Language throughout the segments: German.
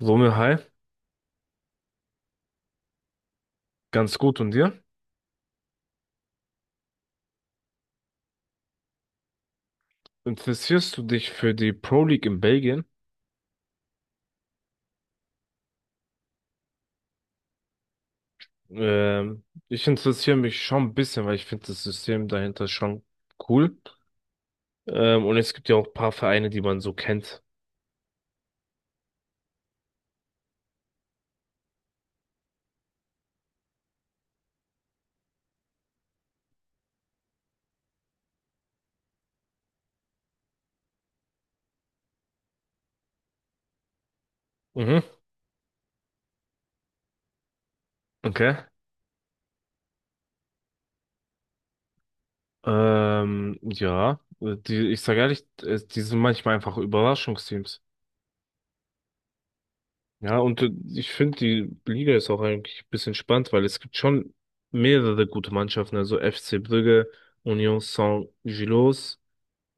Romeo, hi, ganz gut und dir? Interessierst du dich für die Pro League in Belgien? Ich interessiere mich schon ein bisschen, weil ich finde das System dahinter schon cool. Und es gibt ja auch ein paar Vereine, die man so kennt. Mhm, okay. Ja, ich sage ehrlich, die sind manchmal einfach Überraschungsteams. Ja, und ich finde, die Liga ist auch eigentlich ein bisschen spannend, weil es gibt schon mehrere gute Mannschaften, also FC Brügge, Union Saint-Gilloise.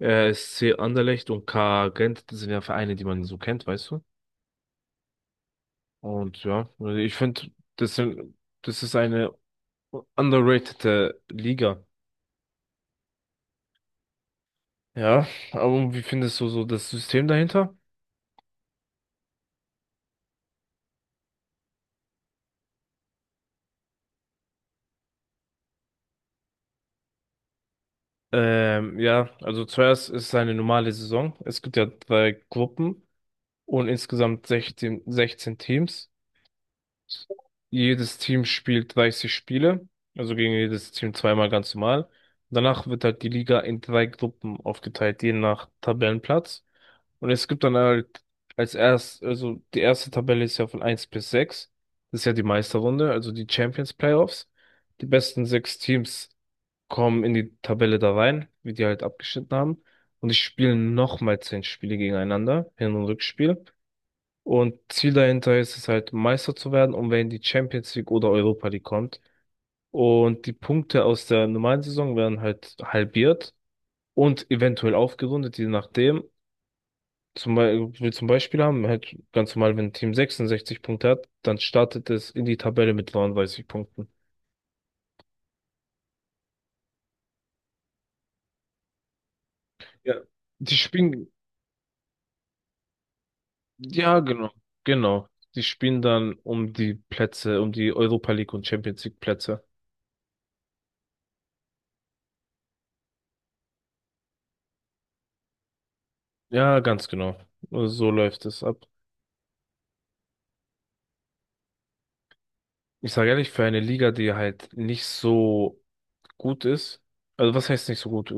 SC Anderlecht und KA Gent, das sind ja Vereine, die man so kennt, weißt du? Und ja, also ich finde, das sind, das ist eine underratede Liga. Ja, aber wie findest du so das System dahinter? Ja, also zuerst ist es eine normale Saison. Es gibt ja drei Gruppen und insgesamt 16 Teams. Jedes Team spielt 30 Spiele, also gegen jedes Team zweimal ganz normal. Danach wird halt die Liga in drei Gruppen aufgeteilt, je nach Tabellenplatz. Und es gibt dann halt also die erste Tabelle ist ja von eins bis sechs. Das ist ja die Meisterrunde, also die Champions Playoffs. Die besten sechs Teams kommen in die Tabelle da rein, wie die halt abgeschnitten haben. Und die spielen nochmal 10 Spiele gegeneinander, Hin- und Rückspiel. Und Ziel dahinter ist es halt, Meister zu werden, um wenn die Champions League oder Europa League kommt. Und die Punkte aus der normalen Saison werden halt halbiert und eventuell aufgerundet, je nachdem. Wir zum Beispiel haben halt ganz normal, wenn ein Team 66 Punkte hat, dann startet es in die Tabelle mit 39 Punkten. Ja. Die spielen, ja, genau, genau. Die spielen dann um die Plätze, um die Europa League und Champions League Plätze. Ja, ganz genau. So läuft es ab. Ich sage ehrlich, für eine Liga, die halt nicht so gut ist, also was heißt nicht so gut?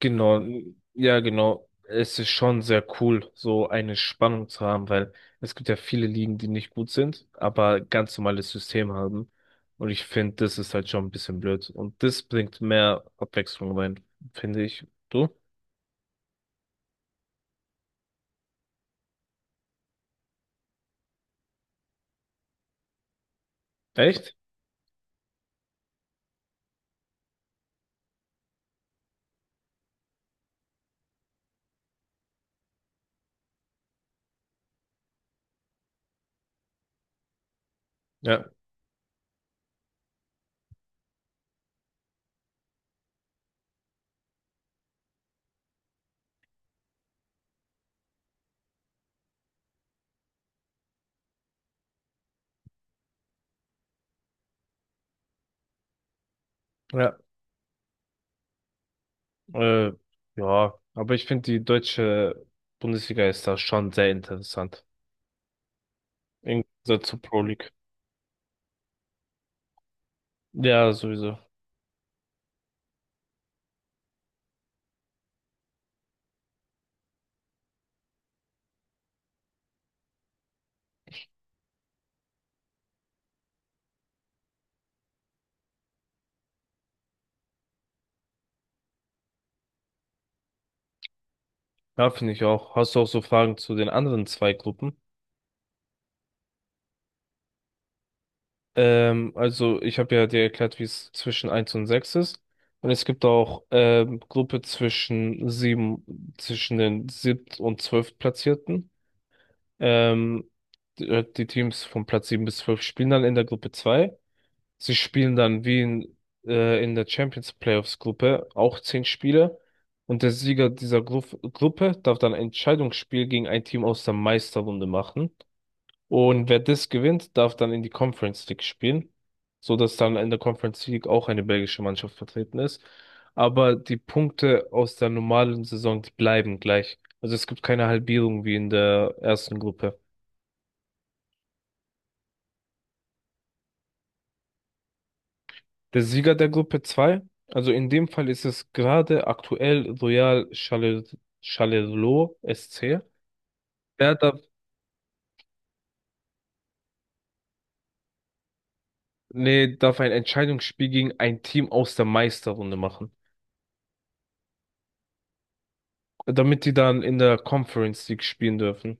Genau, ja, genau. Es ist schon sehr cool, so eine Spannung zu haben, weil es gibt ja viele Ligen, die nicht gut sind, aber ganz normales System haben. Und ich finde, das ist halt schon ein bisschen blöd. Und das bringt mehr Abwechslung rein, finde ich. Du? Echt? Ja, ja, äh, ja. Aber ich finde, die deutsche Bundesliga ist da schon sehr interessant. Im Gegensatz zur Pro League. Ja, sowieso. Ja, finde ich auch. Hast du auch so Fragen zu den anderen zwei Gruppen? Also ich habe ja dir erklärt, wie es zwischen eins und 6 ist. Und es gibt auch Gruppe zwischen den siebt und zwölftplatzierten. Ähm, die Teams von Platz 7 bis 12 spielen dann in der Gruppe 2. Sie spielen dann wie in der Champions Playoffs Gruppe auch 10 Spiele. Und der Sieger dieser Gruppe darf dann ein Entscheidungsspiel gegen ein Team aus der Meisterrunde machen. Und wer das gewinnt, darf dann in die Conference League spielen, so dass dann in der Conference League auch eine belgische Mannschaft vertreten ist. Aber die Punkte aus der normalen Saison, die bleiben gleich. Also es gibt keine Halbierung wie in der ersten Gruppe. Der Sieger der Gruppe 2, also in dem Fall ist es gerade aktuell Royal Charleroi SC. Der darf, nee, darf ein Entscheidungsspiel gegen ein Team aus der Meisterrunde machen, damit die dann in der Conference League spielen dürfen.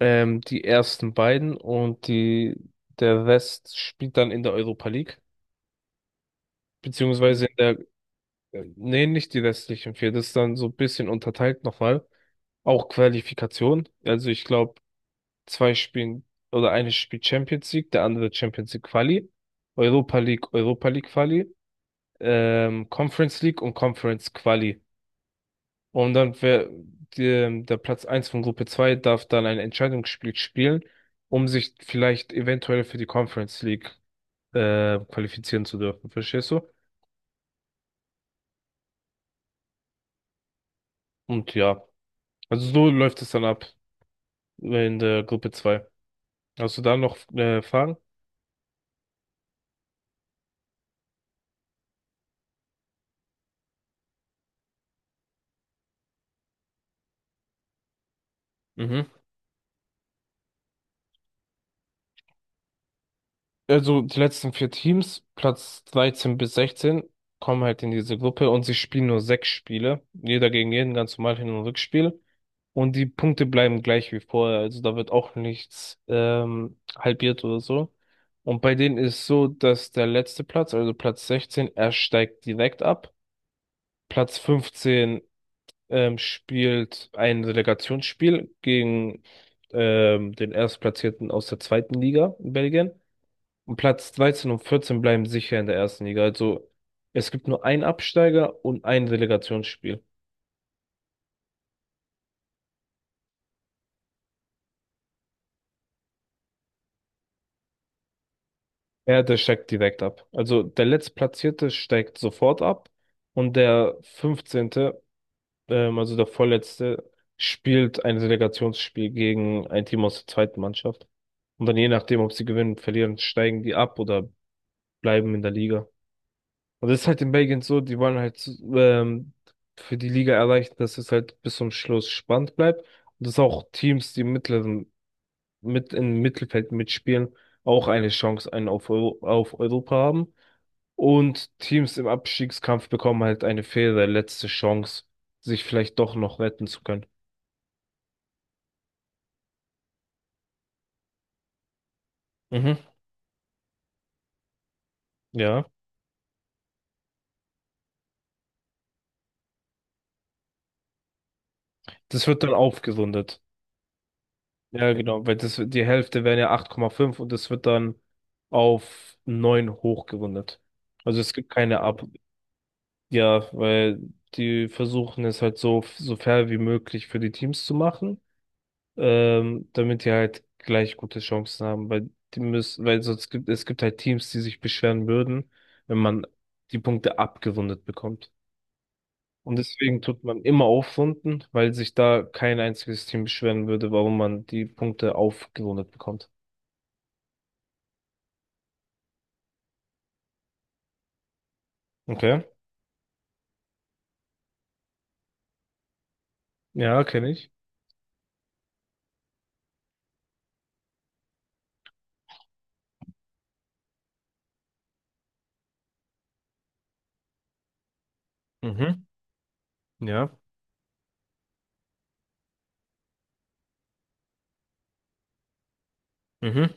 Die ersten beiden und der Rest spielt dann in der Europa League, beziehungsweise in nee, nicht die restlichen vier, das ist dann so ein bisschen unterteilt nochmal. Auch Qualifikation, also ich glaube, Zwei spielen oder eine spielt Champions League, der andere Champions League Quali, Europa League, Europa League Quali, Conference League und Conference Quali. Und dann der Platz eins von Gruppe 2 darf dann ein Entscheidungsspiel spielen, um sich vielleicht eventuell für die Conference League qualifizieren zu dürfen. Verstehst du? Und ja, also so läuft es dann ab in der Gruppe zwei. Hast du da noch Fragen? Mhm. Also die letzten vier Teams, Platz 13 bis 16, kommen halt in diese Gruppe und sie spielen nur sechs Spiele. Jeder gegen jeden, ganz normal Hin- und Rückspiel. Und die Punkte bleiben gleich wie vorher. Also da wird auch nichts halbiert oder so. Und bei denen ist so, dass der letzte Platz, also Platz 16, er steigt direkt ab. Platz 15 spielt ein Relegationsspiel gegen den Erstplatzierten aus der zweiten Liga in Belgien. Und Platz 13 und 14 bleiben sicher in der ersten Liga. Also es gibt nur einen Absteiger und ein Relegationsspiel. Ja, der steigt direkt ab. Also der Letztplatzierte steigt sofort ab und der 15. Also der Vorletzte, spielt ein Relegationsspiel gegen ein Team aus der zweiten Mannschaft. Und dann je nachdem, ob sie gewinnen, verlieren, steigen die ab oder bleiben in der Liga. Und das ist halt in Belgien so, die wollen halt ähm, für die Liga erreichen, dass es halt bis zum Schluss spannend bleibt und dass auch Teams, die mittleren, mit im Mittelfeld mitspielen, auch eine Chance auf Europa haben. Und Teams im Abstiegskampf bekommen halt eine faire letzte Chance, sich vielleicht doch noch retten zu können. Mhm. Ja. Das wird dann aufgerundet. Ja, genau, die Hälfte wären ja 8,5 und das wird dann auf 9 hochgerundet. Also es gibt keine Ab Ja, weil die versuchen es halt so, so fair wie möglich für die Teams zu machen, damit die halt gleich gute Chancen haben, weil sonst gibt es gibt halt Teams, die sich beschweren würden, wenn man die Punkte abgerundet bekommt. Und deswegen tut man immer aufrunden, weil sich da kein einziges Team beschweren würde, warum man die Punkte aufgerundet bekommt. Okay. Ja, kenne ich. Mhm. Ja. Mhm.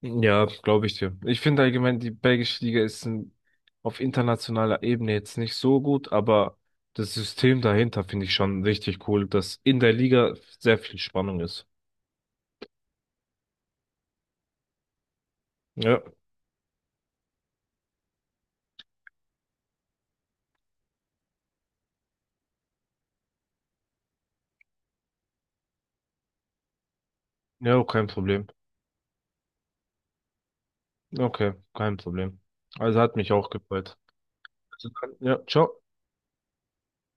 Ja, glaube ich dir. Ich finde allgemein, die belgische Liga ist ein, auf internationaler Ebene jetzt nicht so gut, aber das System dahinter finde ich schon richtig cool, dass in der Liga sehr viel Spannung ist. Ja, ja, kein Problem. Okay, kein Problem. Also hat mich auch gefreut. Also dann, ja, ciao.